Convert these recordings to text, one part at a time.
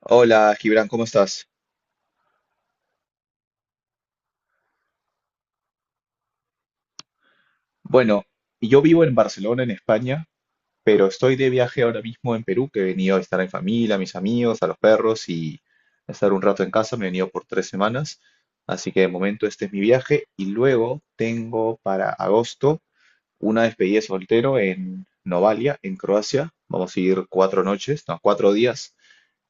Hola, Gibran, ¿cómo estás? Bueno, yo vivo en Barcelona, en España, pero estoy de viaje ahora mismo en Perú, que he venido a estar en familia, a mis amigos, a los perros y a estar un rato en casa. Me he venido por 3 semanas, así que de momento este es mi viaje y luego tengo para agosto una despedida de soltero en Novalia, en Croacia. Vamos a ir 4 noches, no, 4 días.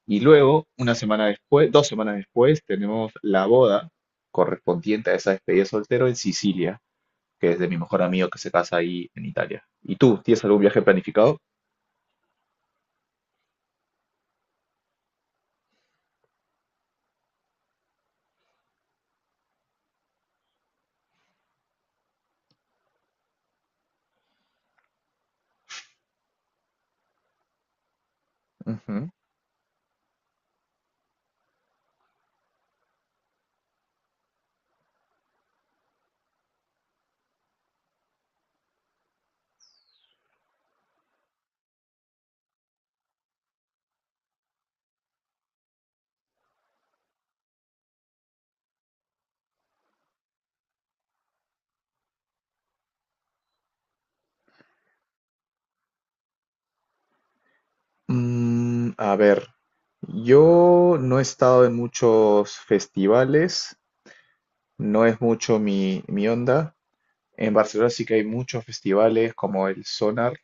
Y luego, una semana después, 2 semanas después, tenemos la boda correspondiente a esa despedida de soltero en Sicilia, que es de mi mejor amigo que se casa ahí en Italia. ¿Y tú, tienes algún viaje planificado? Ujú. A ver, yo no he estado en muchos festivales, no es mucho mi onda. En Barcelona sí que hay muchos festivales como el Sonar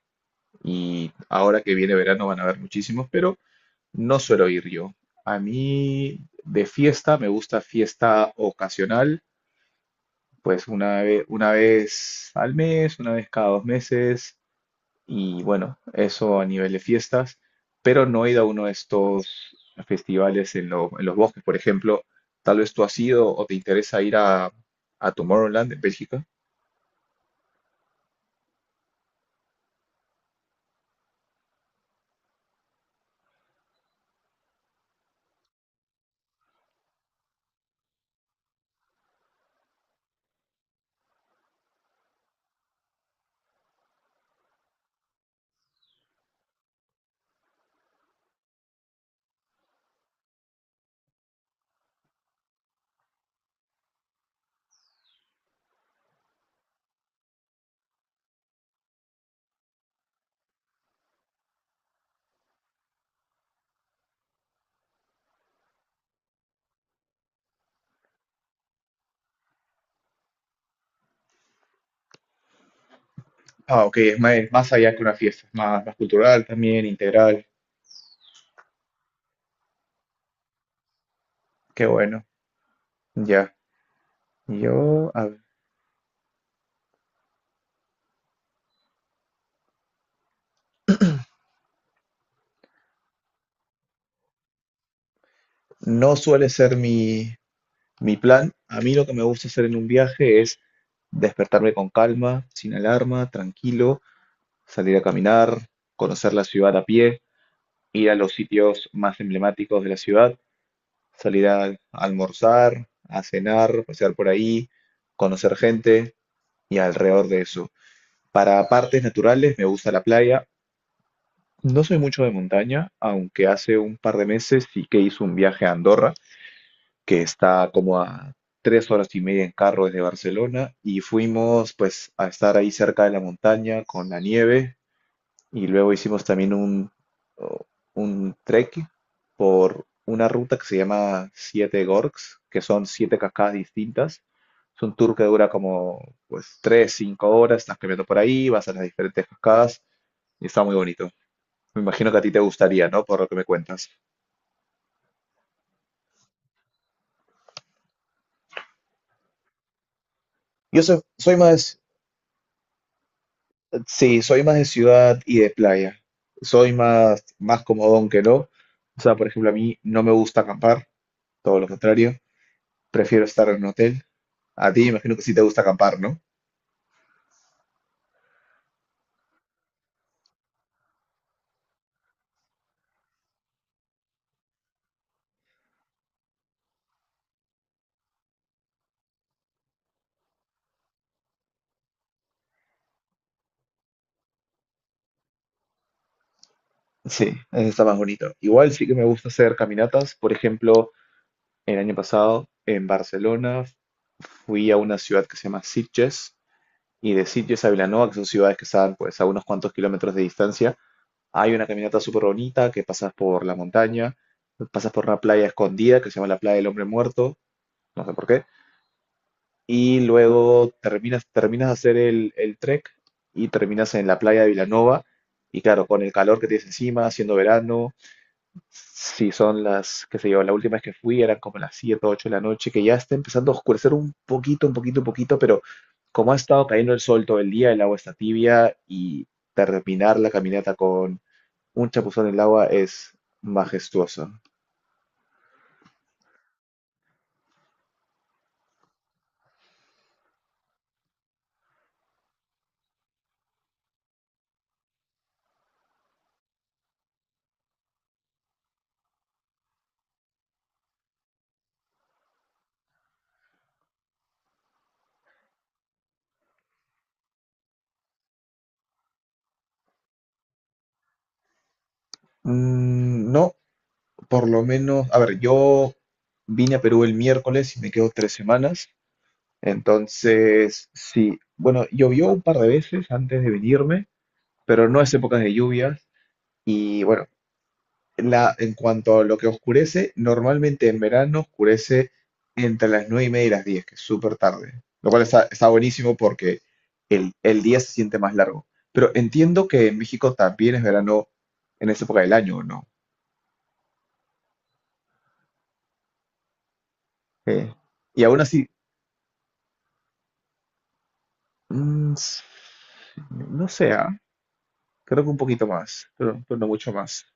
y ahora que viene verano van a haber muchísimos, pero no suelo ir yo. A mí de fiesta me gusta fiesta ocasional, pues una vez al mes, una vez cada 2 meses. Y bueno, eso a nivel de fiestas, pero no he ido a uno de estos festivales en los bosques, por ejemplo. Tal vez tú has ido o te interesa ir a Tomorrowland en Bélgica. Ah, ok, es más, allá que una fiesta, es más cultural también, integral. Qué bueno. Ya, yo a ver, no suele ser mi plan. A mí lo que me gusta hacer en un viaje es despertarme con calma, sin alarma, tranquilo, salir a caminar, conocer la ciudad a pie, ir a los sitios más emblemáticos de la ciudad, salir a almorzar, a cenar, pasear por ahí, conocer gente y alrededor de eso. Para partes naturales me gusta la playa. No soy mucho de montaña, aunque hace un par de meses sí que hice un viaje a Andorra, que está como a 3 horas y media en carro desde Barcelona, y fuimos pues a estar ahí cerca de la montaña con la nieve. Y luego hicimos también un trek por una ruta que se llama Siete Gorgs, que son siete cascadas distintas. Es un tour que dura como pues tres, cinco horas, estás caminando por ahí, vas a las diferentes cascadas y está muy bonito. Me imagino que a ti te gustaría, ¿no? Por lo que me cuentas. Yo sí, soy más de ciudad y de playa. Soy más comodón que no. O sea, por ejemplo, a mí no me gusta acampar, todo lo contrario. Prefiero estar en un hotel. A ti imagino que sí te gusta acampar, ¿no? Sí, eso está más bonito. Igual sí que me gusta hacer caminatas. Por ejemplo, el año pasado en Barcelona fui a una ciudad que se llama Sitges, y de Sitges a Vilanova, que son ciudades que están pues a unos cuantos kilómetros de distancia, hay una caminata súper bonita que pasas por la montaña, pasas por una playa escondida que se llama la Playa del Hombre Muerto, no sé por qué, y luego terminas de hacer el trek y terminas en la playa de Vilanova. Y claro, con el calor que tienes encima, siendo verano, si son qué sé yo, la última vez que fui eran como las 7 o 8 de la noche, que ya está empezando a oscurecer un poquito, un poquito, un poquito, pero como ha estado cayendo el sol todo el día, el agua está tibia y terminar la caminata con un chapuzón en el agua es majestuoso. No. Por lo menos, a ver, yo vine a Perú el miércoles y me quedo 3 semanas. Entonces, sí, bueno, llovió un par de veces antes de venirme, pero no es época de lluvias. Y bueno, en cuanto a lo que oscurece, normalmente en verano oscurece entre las nueve y media y las diez, que es súper tarde. Lo cual está, está buenísimo porque el día se siente más largo. Pero entiendo que en México también es verano en esa época del año, ¿no? Eh, y aún así, mm, No sé, creo que un poquito más, pero no mucho más.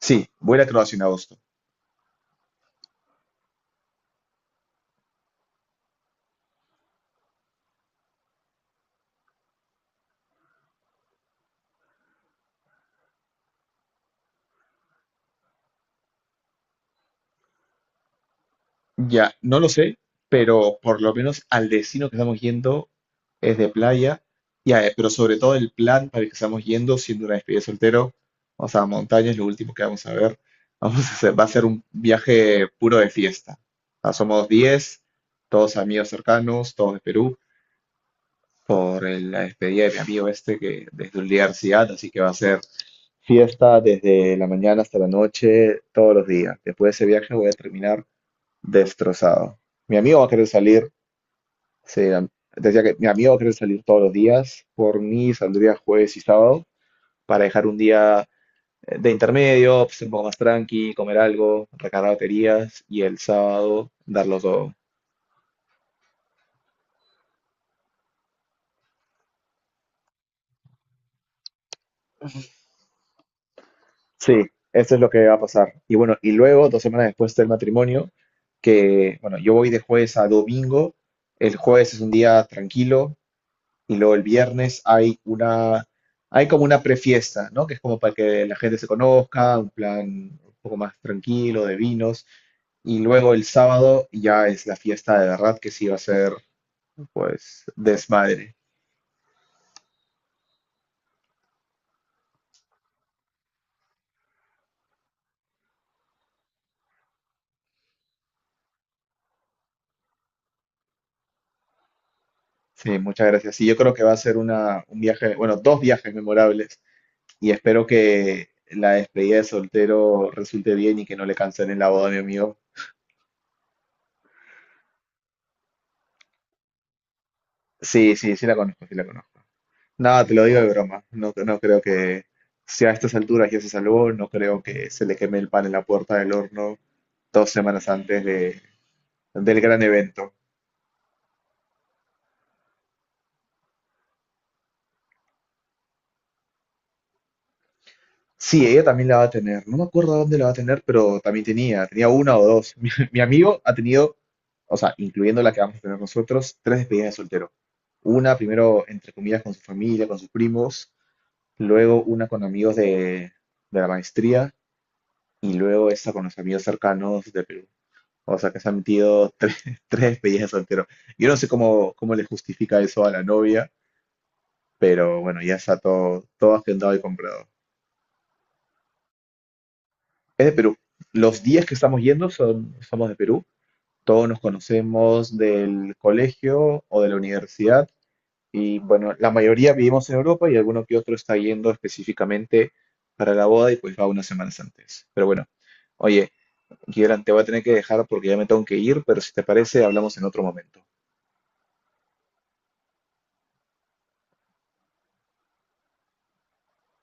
Sí, voy a ir a Croacia en agosto. Ya, no lo sé, pero por lo menos al destino que estamos yendo es de playa. Ya, pero sobre todo el plan para el que estamos yendo, siendo una despedida de soltero, vamos a montañas, lo último que vamos a ver. Vamos a hacer, va a ser un viaje puro de fiesta. Ah, somos 10, todos amigos cercanos, todos de Perú, por la despedida de mi amigo este que desde la universidad, así que va a ser fiesta desde la mañana hasta la noche, todos los días. Después de ese viaje voy a terminar destrozado. Mi amigo va a querer salir, se- decía que mi amigo va a querer salir todos los días. Por mí saldría jueves y sábado para dejar un día de intermedio, pues, un poco más tranqui, comer algo, recargar baterías y el sábado darlo todo. Sí, eso es lo que va a pasar. Y bueno, y luego, 2 semanas después del matrimonio, que bueno, yo voy de jueves a domingo. El jueves es un día tranquilo. Y luego el viernes hay hay como una prefiesta, ¿no? Que es como para que la gente se conozca, un plan un poco más tranquilo de vinos. Y luego el sábado ya es la fiesta de verdad, que sí va a ser, pues, desmadre. Sí, muchas gracias. Sí, yo creo que va a ser un viaje, bueno, dos viajes memorables. Y espero que la despedida de soltero resulte bien y que no le cancelen la boda a mi amigo. Sí, sí, sí la conozco, sí la conozco. No, te lo digo de broma. No, no creo que, si a estas alturas ya se salvó, no creo que se le queme el pan en la puerta del horno 2 semanas antes del gran evento. Sí, ella también la va a tener. No me acuerdo dónde la va a tener, pero también tenía. Tenía una o dos. Mi amigo ha tenido, o sea, incluyendo la que vamos a tener nosotros, tres despedidas de soltero. Una primero, entre comillas, con su familia, con sus primos. Luego una con amigos de la maestría. Y luego esta con los amigos cercanos de Perú. O sea, que se ha metido tres, tres, despedidas de soltero. Yo no sé cómo le justifica eso a la novia, pero bueno, ya está todo agendado y comprado. Es de Perú. Los días que estamos yendo son, somos de Perú. Todos nos conocemos del colegio o de la universidad. Y bueno, la mayoría vivimos en Europa y alguno que otro está yendo específicamente para la boda y pues va unas semanas antes. Pero bueno, oye, Kieran, te voy a tener que dejar porque ya me tengo que ir, pero si te parece, hablamos en otro momento.